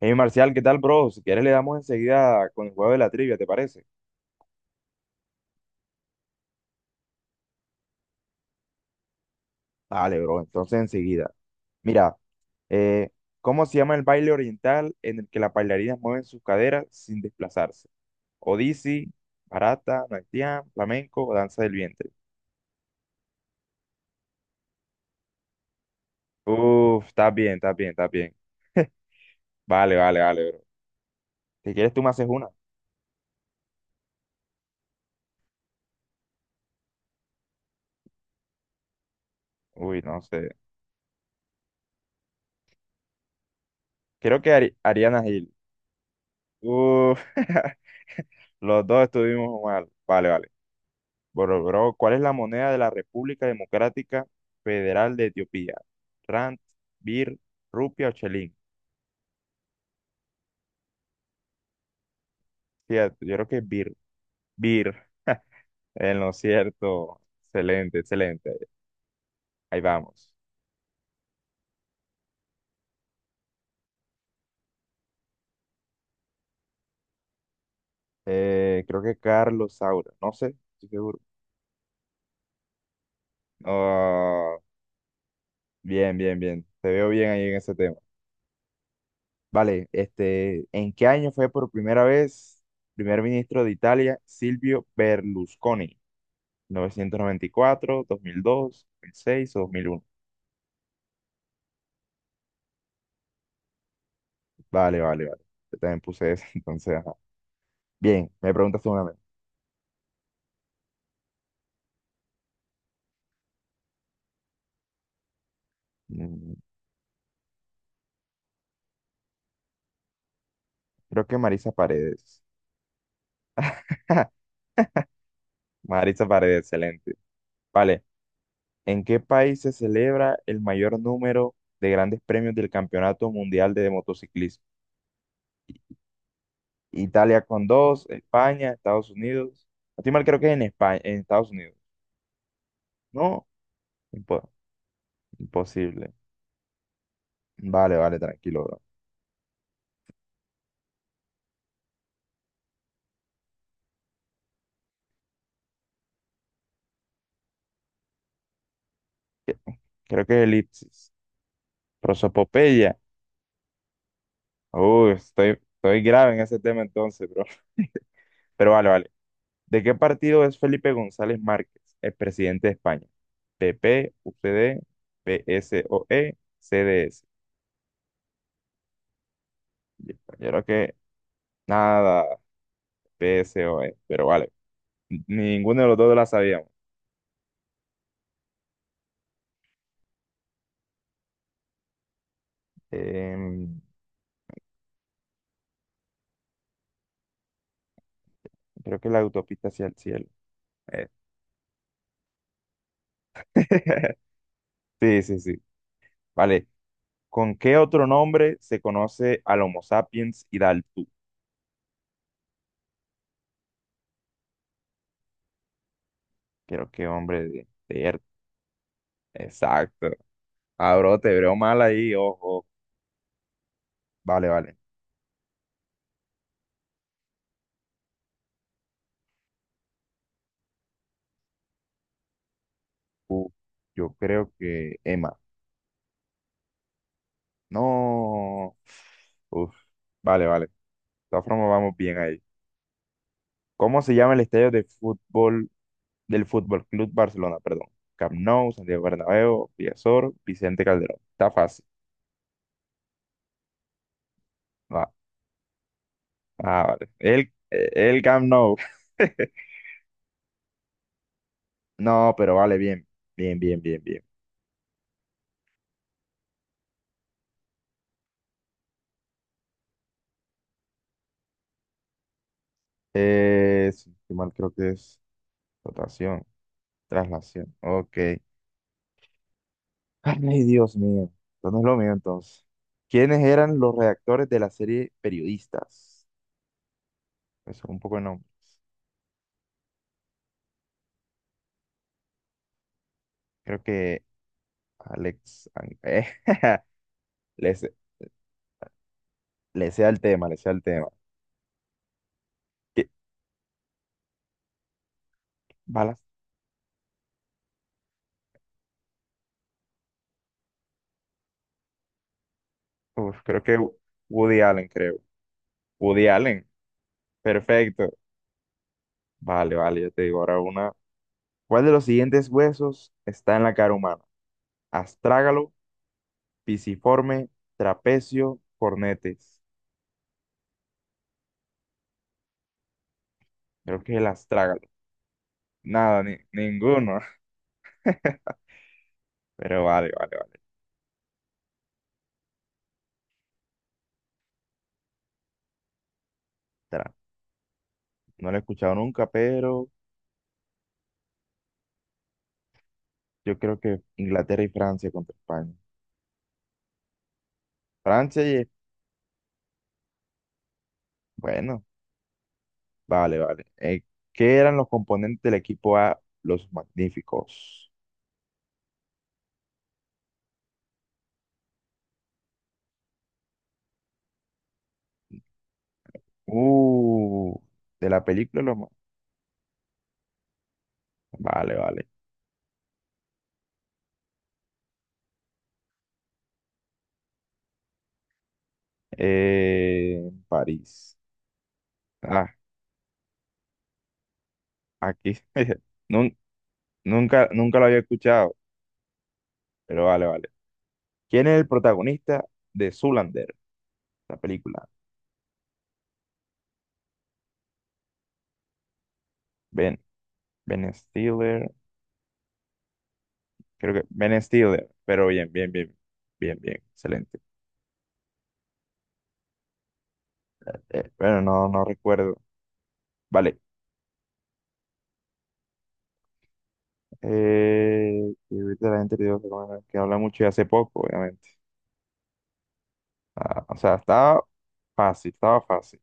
Hey Marcial, ¿qué tal, bro? Si quieres le damos enseguida con el juego de la trivia, ¿te parece? Dale, bro, entonces enseguida. Mira, eh, ¿cómo se llama el baile oriental en el que las bailarinas mueven sus caderas sin desplazarse? Odisi, barata, naitian, flamenco o danza del vientre. Uf, está bien, está bien, está bien. Vale, vale, vale, bro. Si quieres tú me haces una. Uy, no sé. Creo que Ariana Gil. Uf, los dos estuvimos mal. Vale, vale. Bro, ¿cuál es la moneda de la República Democrática Federal de Etiopía? Rand, Bir, Rupia o Chelín. Fíjate, yo creo que es Bir. Bir, en lo cierto. Excelente, excelente. Ahí vamos. Creo que Carlos Saura, no sé, estoy seguro. Ah, bien, bien, bien. Te veo bien ahí en ese tema. Vale, este, ¿en qué año fue por primera vez primer ministro de Italia Silvio Berlusconi? Novecientos noventa y cuatro, dos mil, dos mil seis o 2001. Vale, vale, vale. Yo también puse eso, entonces, ajá. Bien, me preguntas tú una vez. Mm, Creo que Marisa Paredes. Marisa Paredes, excelente. Vale, ¿en qué país se celebra el mayor número de grandes premios del Campeonato Mundial de Motociclismo? I- Italia con dos, España, Estados Unidos. A ti mal creo que es en España, en Estados Unidos. No, impo- imposible. Vale, vale, tranquilo, bro. Creo que es elipsis. Rosopopeya. Uy, estoy grave en ese tema entonces, bro. Pero vale, vale. ¿De qué partido es Felipe González Márquez, el presidente de España? PP, UCD, PSOE, CDS. Yo creo que nada, PSOE, pero vale. Ninguno de los dos la sabíamos. Em, Creo que la autopista hacia el cielo. Eh, Sí, sí, sí. Vale. ¿Con qué otro nombre se conoce al Homo sapiens hidalgo? Creo que hombre de. Exacto. Ah, bro, te veo mal ahí, ojo. Vale, vale. Uf, yo creo que Emma. No. Uf, vale, vale. De todas formas, vamos bien ahí. ¿Cómo se llama el estadio de fútbol del Fútbol Club Barcelona? Perdón. Camp Nou, Santiago Bernabéu, Villasor, Vicente Calderón. Está fácil. Va. Ah, vale. El Camp Nou. No, pero vale, bien. Bien, bien, bien, bien. Si no estoy mal creo que es rotación, traslación. Ok. Ay, Dios mío, esto no es lo mío entonces. ¿Quiénes eran los redactores de la serie Periodistas? Eso es un poco no. Creo que Alex, le, sé- le sea el tema, le sea el tema. ¿Qué? Balas. Uf, creo que Woody Allen, creo. Woody Allen, perfecto. Vale, vale, yo te digo ahora una. ¿Cuál de los siguientes huesos está en la cara humana? Astrágalo, pisiforme, trapecio, cornetes. Creo que el astrágalo. Nada, ninguno. Pero vale, vale, vale. Espera, no lo he escuchado nunca, pero yo creo que Inglaterra y Francia contra España. Francia y... Bueno, vale, vale. ¿Qué eran los componentes del equipo A? Los Magníficos. Uh, de la película Los. Vale, vale. Eh, París. Ah, aquí. Nun- nunca lo había escuchado, pero vale, vale. ¿Quién es el protagonista de Zoolander, la película? Ben, Ben Stiller. Creo que Ben Stiller, pero bien, bien, bien, bien, bien, excelente. Bueno, no, no recuerdo. Vale. Y ahorita la gente te digo que bueno, que habla mucho y hace poco, obviamente. Ah, o sea, estaba fácil, estaba fácil.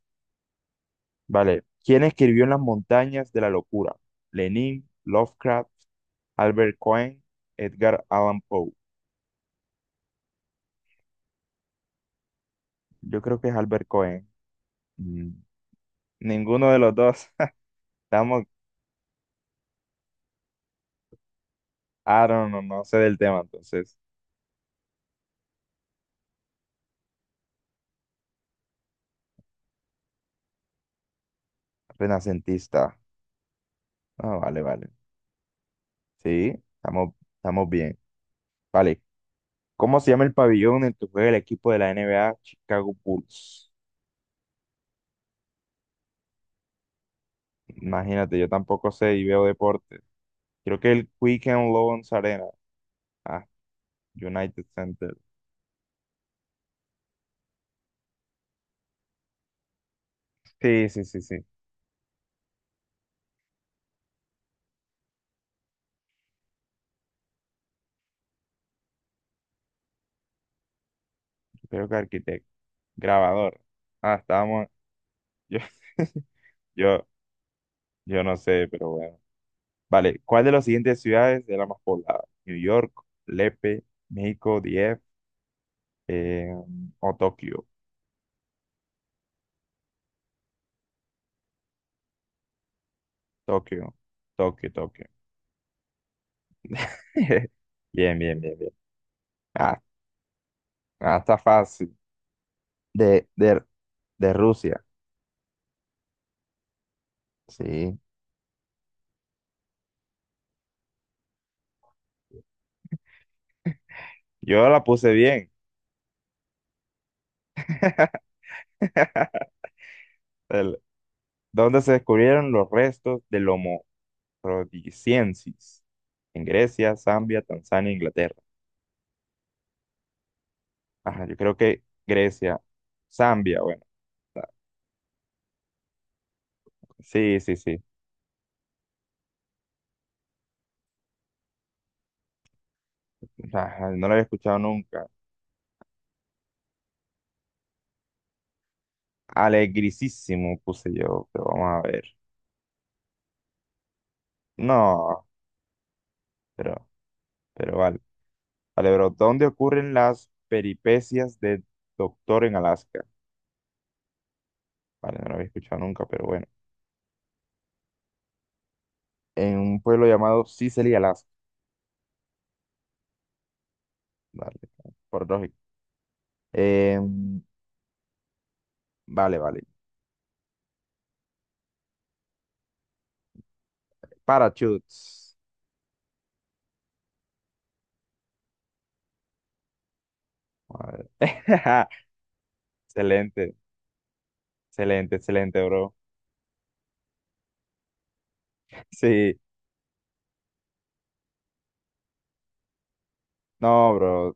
Vale. ¿Quién escribió en las montañas de la locura? Lenin, Lovecraft, Albert Cohen, Edgar Allan Poe. Yo creo que es Albert Cohen. Mm, Ninguno de los dos. Estamos, I don't know, no sé del tema, entonces. Renacentista. Ah, vale, vale. Sí, estamos, estamos bien. Vale. ¿Cómo se llama el pabellón en que juega el equipo de la NBA Chicago Bulls? Imagínate, yo tampoco sé y veo deporte. Creo que el Quick and Loans Arena. Ah, United Center. Sí, sí, sí, sí. Creo que arquitecto. Grabador. Ah, estábamos. Yo, yo, yo no sé, pero bueno. Vale. ¿Cuál de las siguientes ciudades es la más poblada? New York, Lepe, México, DF, eh, o Tokio. Tokio, Tokio, Tokio. Bien, bien, bien, bien. Ah, ah, está fácil. De, de, de Rusia. Sí. Yo la puse bien. El, ¿Dónde se descubrieron los restos del Homo rhodesiensis? En Grecia, Zambia, Tanzania, Inglaterra. Ajá, yo creo que Grecia, Zambia, bueno. ta- Sí, sí, sí. Ajá, no lo había escuchado nunca. Alegrisísimo puse yo, pero vamos a ver. No, pero, pero vale. Vale, bro, ¿dónde ocurren las peripecias de Doctor en Alaska? Vale, no lo había escuchado nunca, pero bueno. En un pueblo llamado Sicily, Alaska. Vale, por lógica. Em, vale, vale. Parachutes. A ver. Excelente, excelente, excelente, bro. Sí, no, bro.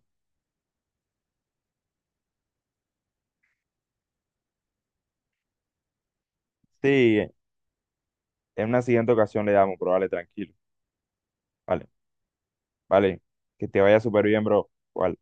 Sí, en una siguiente ocasión le damos, bro. Vale, tranquilo. Vale, vale. Que te vaya súper bien, bro. Vale.